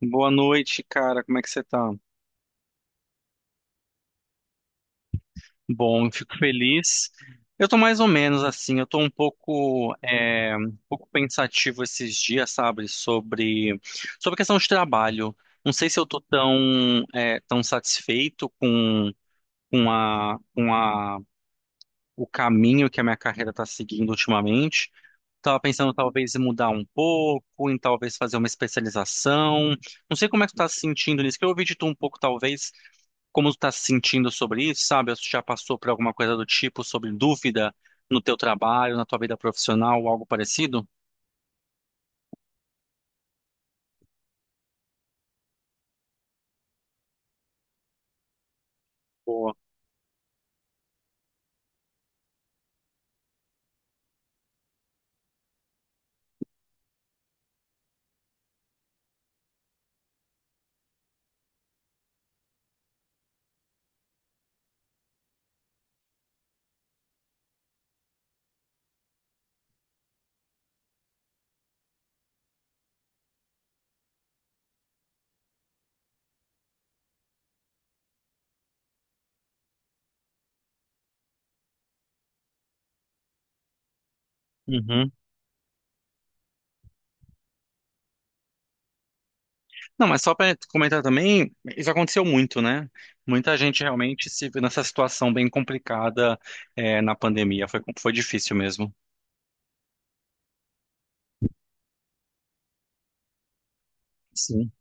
Boa noite, cara. Como é que você tá? Bom, fico feliz. Eu tô mais ou menos assim, eu tô um pouco, um pouco pensativo esses dias, sabe, sobre a questão de trabalho. Não sei se eu tô tão, tão satisfeito com o caminho que a minha carreira tá seguindo ultimamente. Tava pensando talvez em mudar um pouco, em talvez fazer uma especialização. Não sei como é que tu tá se sentindo nisso, que eu ouvi de tu um pouco, talvez como tu tá se sentindo sobre isso, sabe? Ou tu já passou por alguma coisa do tipo, sobre dúvida no teu trabalho, na tua vida profissional, algo parecido? Boa. Uhum. Não, mas só para comentar também, isso aconteceu muito, né? Muita gente realmente se viu nessa situação bem complicada, na pandemia. Foi difícil mesmo. Sim.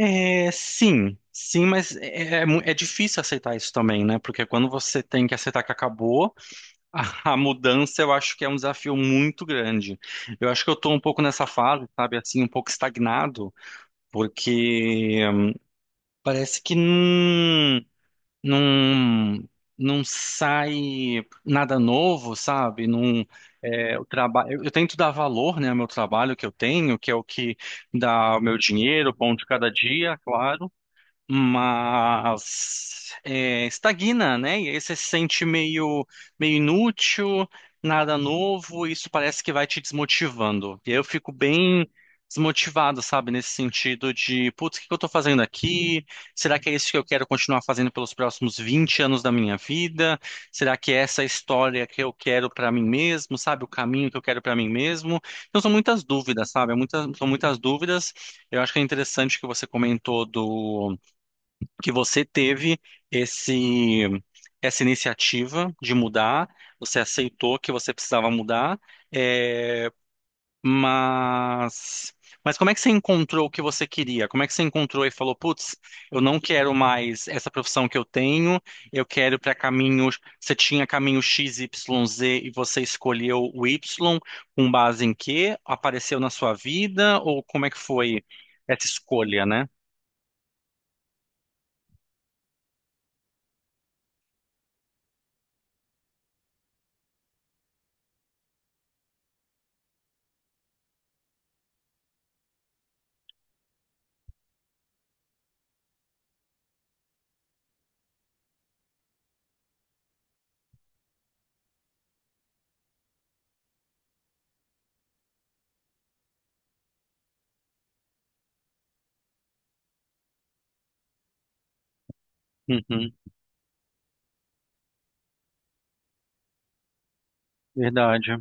É, sim, sim, mas é difícil aceitar isso também, né? Porque quando você tem que aceitar que acabou, a mudança eu acho que é um desafio muito grande. Eu acho que eu estou um pouco nessa fase, sabe, assim, um pouco estagnado, porque parece que não, não sai nada novo, sabe? Não, é, o trabalho, eu tento dar valor, né, ao meu trabalho que eu tenho, que é o que dá o meu dinheiro, o pão de cada dia, claro, mas é, estagna, né? E aí você se sente meio, meio inútil, nada novo, e isso parece que vai te desmotivando. E aí eu fico bem desmotivado, sabe? Nesse sentido de, putz, o que que eu tô fazendo aqui? Será que é isso que eu quero continuar fazendo pelos próximos 20 anos da minha vida? Será que é essa a história que eu quero pra mim mesmo, sabe? O caminho que eu quero pra mim mesmo? Então são muitas dúvidas, sabe? Muitas, são muitas dúvidas. Eu acho que é interessante que você comentou do que você teve esse essa iniciativa de mudar, você aceitou que você precisava mudar, é, mas mas como é que você encontrou o que você queria? Como é que você encontrou e falou, putz, eu não quero mais essa profissão que eu tenho, eu quero para caminhos. Você tinha caminho X, Y, Z e você escolheu o Y com base em quê? Apareceu na sua vida ou como é que foi essa escolha, né? Uhum, verdade.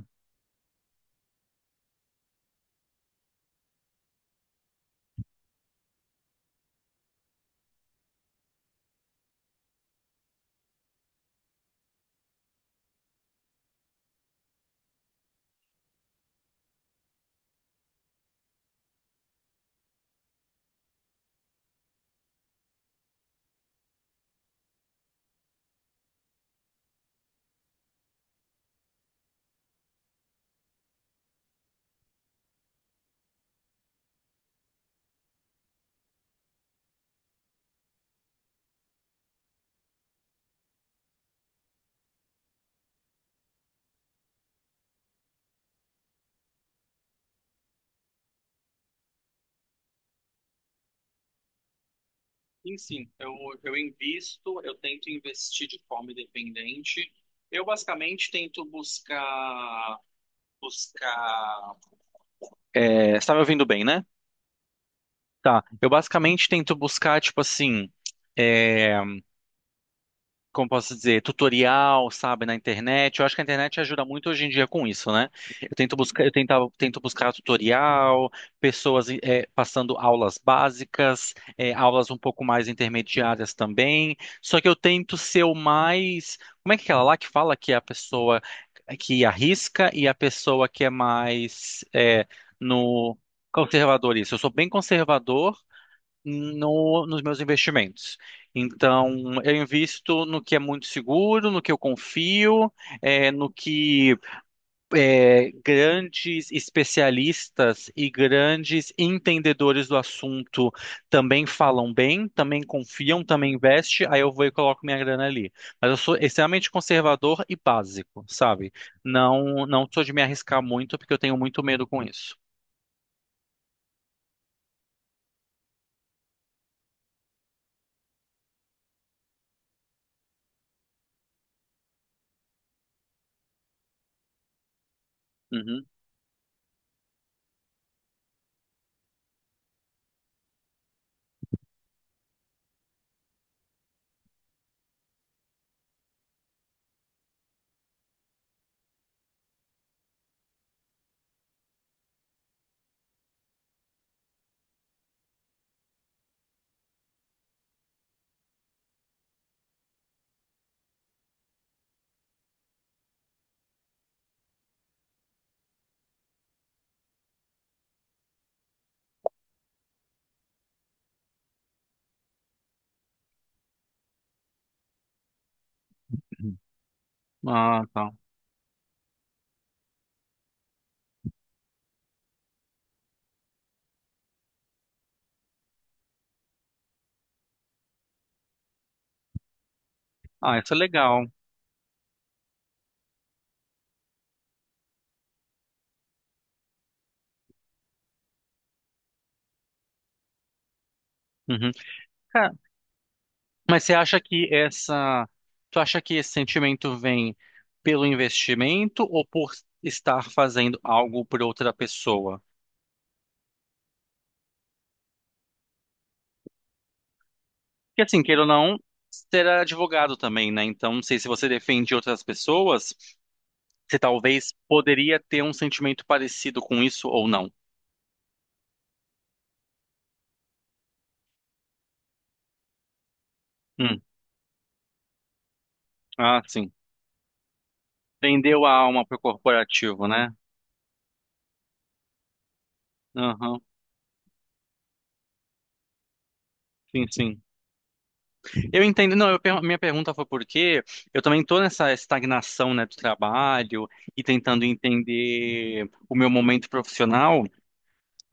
Sim, sim, eu invisto, eu tento investir de forma independente. Eu basicamente tento buscar. É, você está me ouvindo bem, né? Tá. Eu basicamente tento buscar, tipo assim, como posso dizer, tutorial, sabe, na internet. Eu acho que a internet ajuda muito hoje em dia com isso, né? Eu tento tento buscar tutorial, pessoas passando aulas básicas, aulas um pouco mais intermediárias também. Só que eu tento ser o mais, como é que é aquela lá que fala que é a pessoa que arrisca e a pessoa que é mais no conservador isso. Eu sou bem conservador nos meus investimentos. Então, eu invisto no que é muito seguro, no que eu confio, é, no que é, grandes especialistas e grandes entendedores do assunto também falam bem, também confiam, também investem, aí eu vou e coloco minha grana ali. Mas eu sou extremamente conservador e básico, sabe? Não sou de me arriscar muito, porque eu tenho muito medo com isso. Uhum. Ah, tá. Ah, isso é legal. Uhum. Mas você acha que essa, tu acha que esse sentimento vem pelo investimento ou por estar fazendo algo por outra pessoa? Porque assim, queira ou não, você era advogado também, né? Então, não sei se você defende outras pessoas, você talvez poderia ter um sentimento parecido com isso ou não. Hum. Ah, sim. Vendeu a alma pro corporativo, né? Aham. Sim, sim. Eu entendo, não, minha pergunta foi porque eu também estou nessa estagnação, né, do trabalho e tentando entender o meu momento profissional.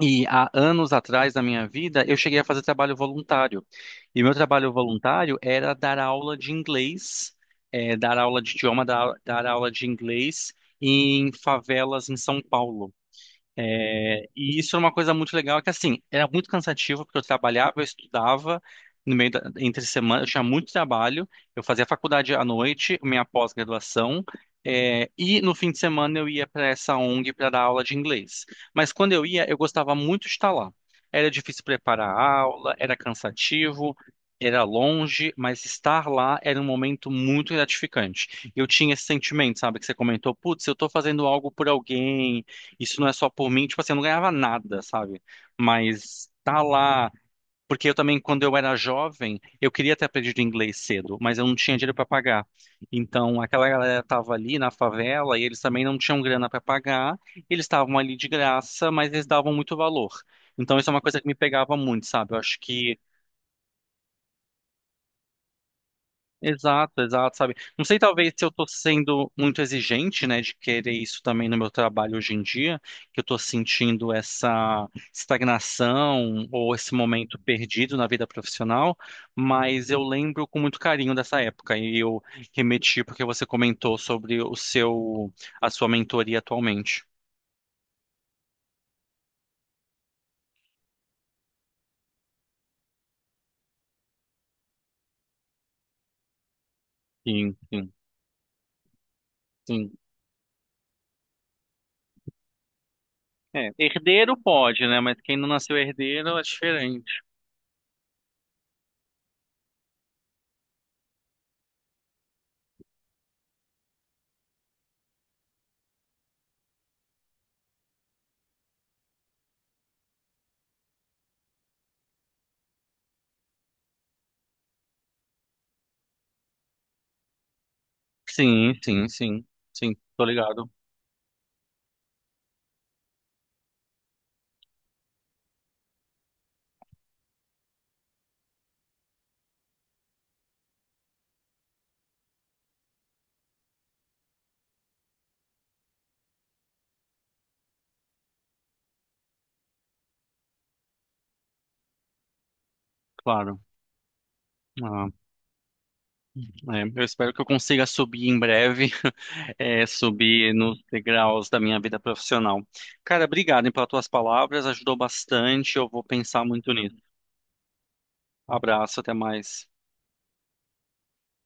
E há anos atrás da minha vida, eu cheguei a fazer trabalho voluntário. E o meu trabalho voluntário era dar aula de inglês, dar aula de idioma, dar aula de inglês em favelas em São Paulo. É, e isso era uma coisa muito legal, que assim, era muito cansativo, porque eu trabalhava, eu estudava, no meio da, entre semana, eu tinha muito trabalho, eu fazia faculdade à noite, minha pós-graduação, é, e no fim de semana eu ia para essa ONG para dar aula de inglês. Mas quando eu ia, eu gostava muito de estar lá. Era difícil preparar a aula, era cansativo, era longe, mas estar lá era um momento muito gratificante. Eu tinha esse sentimento, sabe, que você comentou, putz, eu estou fazendo algo por alguém, isso não é só por mim, tipo assim, eu não ganhava nada, sabe? Mas tá lá. Porque eu também, quando eu era jovem, eu queria ter aprendido inglês cedo, mas eu não tinha dinheiro para pagar. Então, aquela galera tava ali na favela e eles também não tinham grana para pagar, eles estavam ali de graça, mas eles davam muito valor. Então, isso é uma coisa que me pegava muito, sabe? Eu acho que exato, exato, sabe? Não sei, talvez se eu tô sendo muito exigente, né, de querer isso também no meu trabalho hoje em dia, que eu tô sentindo essa estagnação ou esse momento perdido na vida profissional, mas eu lembro com muito carinho dessa época e eu remeti porque você comentou sobre a sua mentoria atualmente. Sim, sim, sim. É, herdeiro pode, né, mas quem não nasceu herdeiro é diferente. Sim, sim, sim, sim, tô ligado, claro. Ah. É, eu espero que eu consiga subir em breve, é, subir nos degraus da minha vida profissional. Cara, obrigado, hein, pelas tuas palavras, ajudou bastante. Eu vou pensar muito nisso. Abraço, até mais.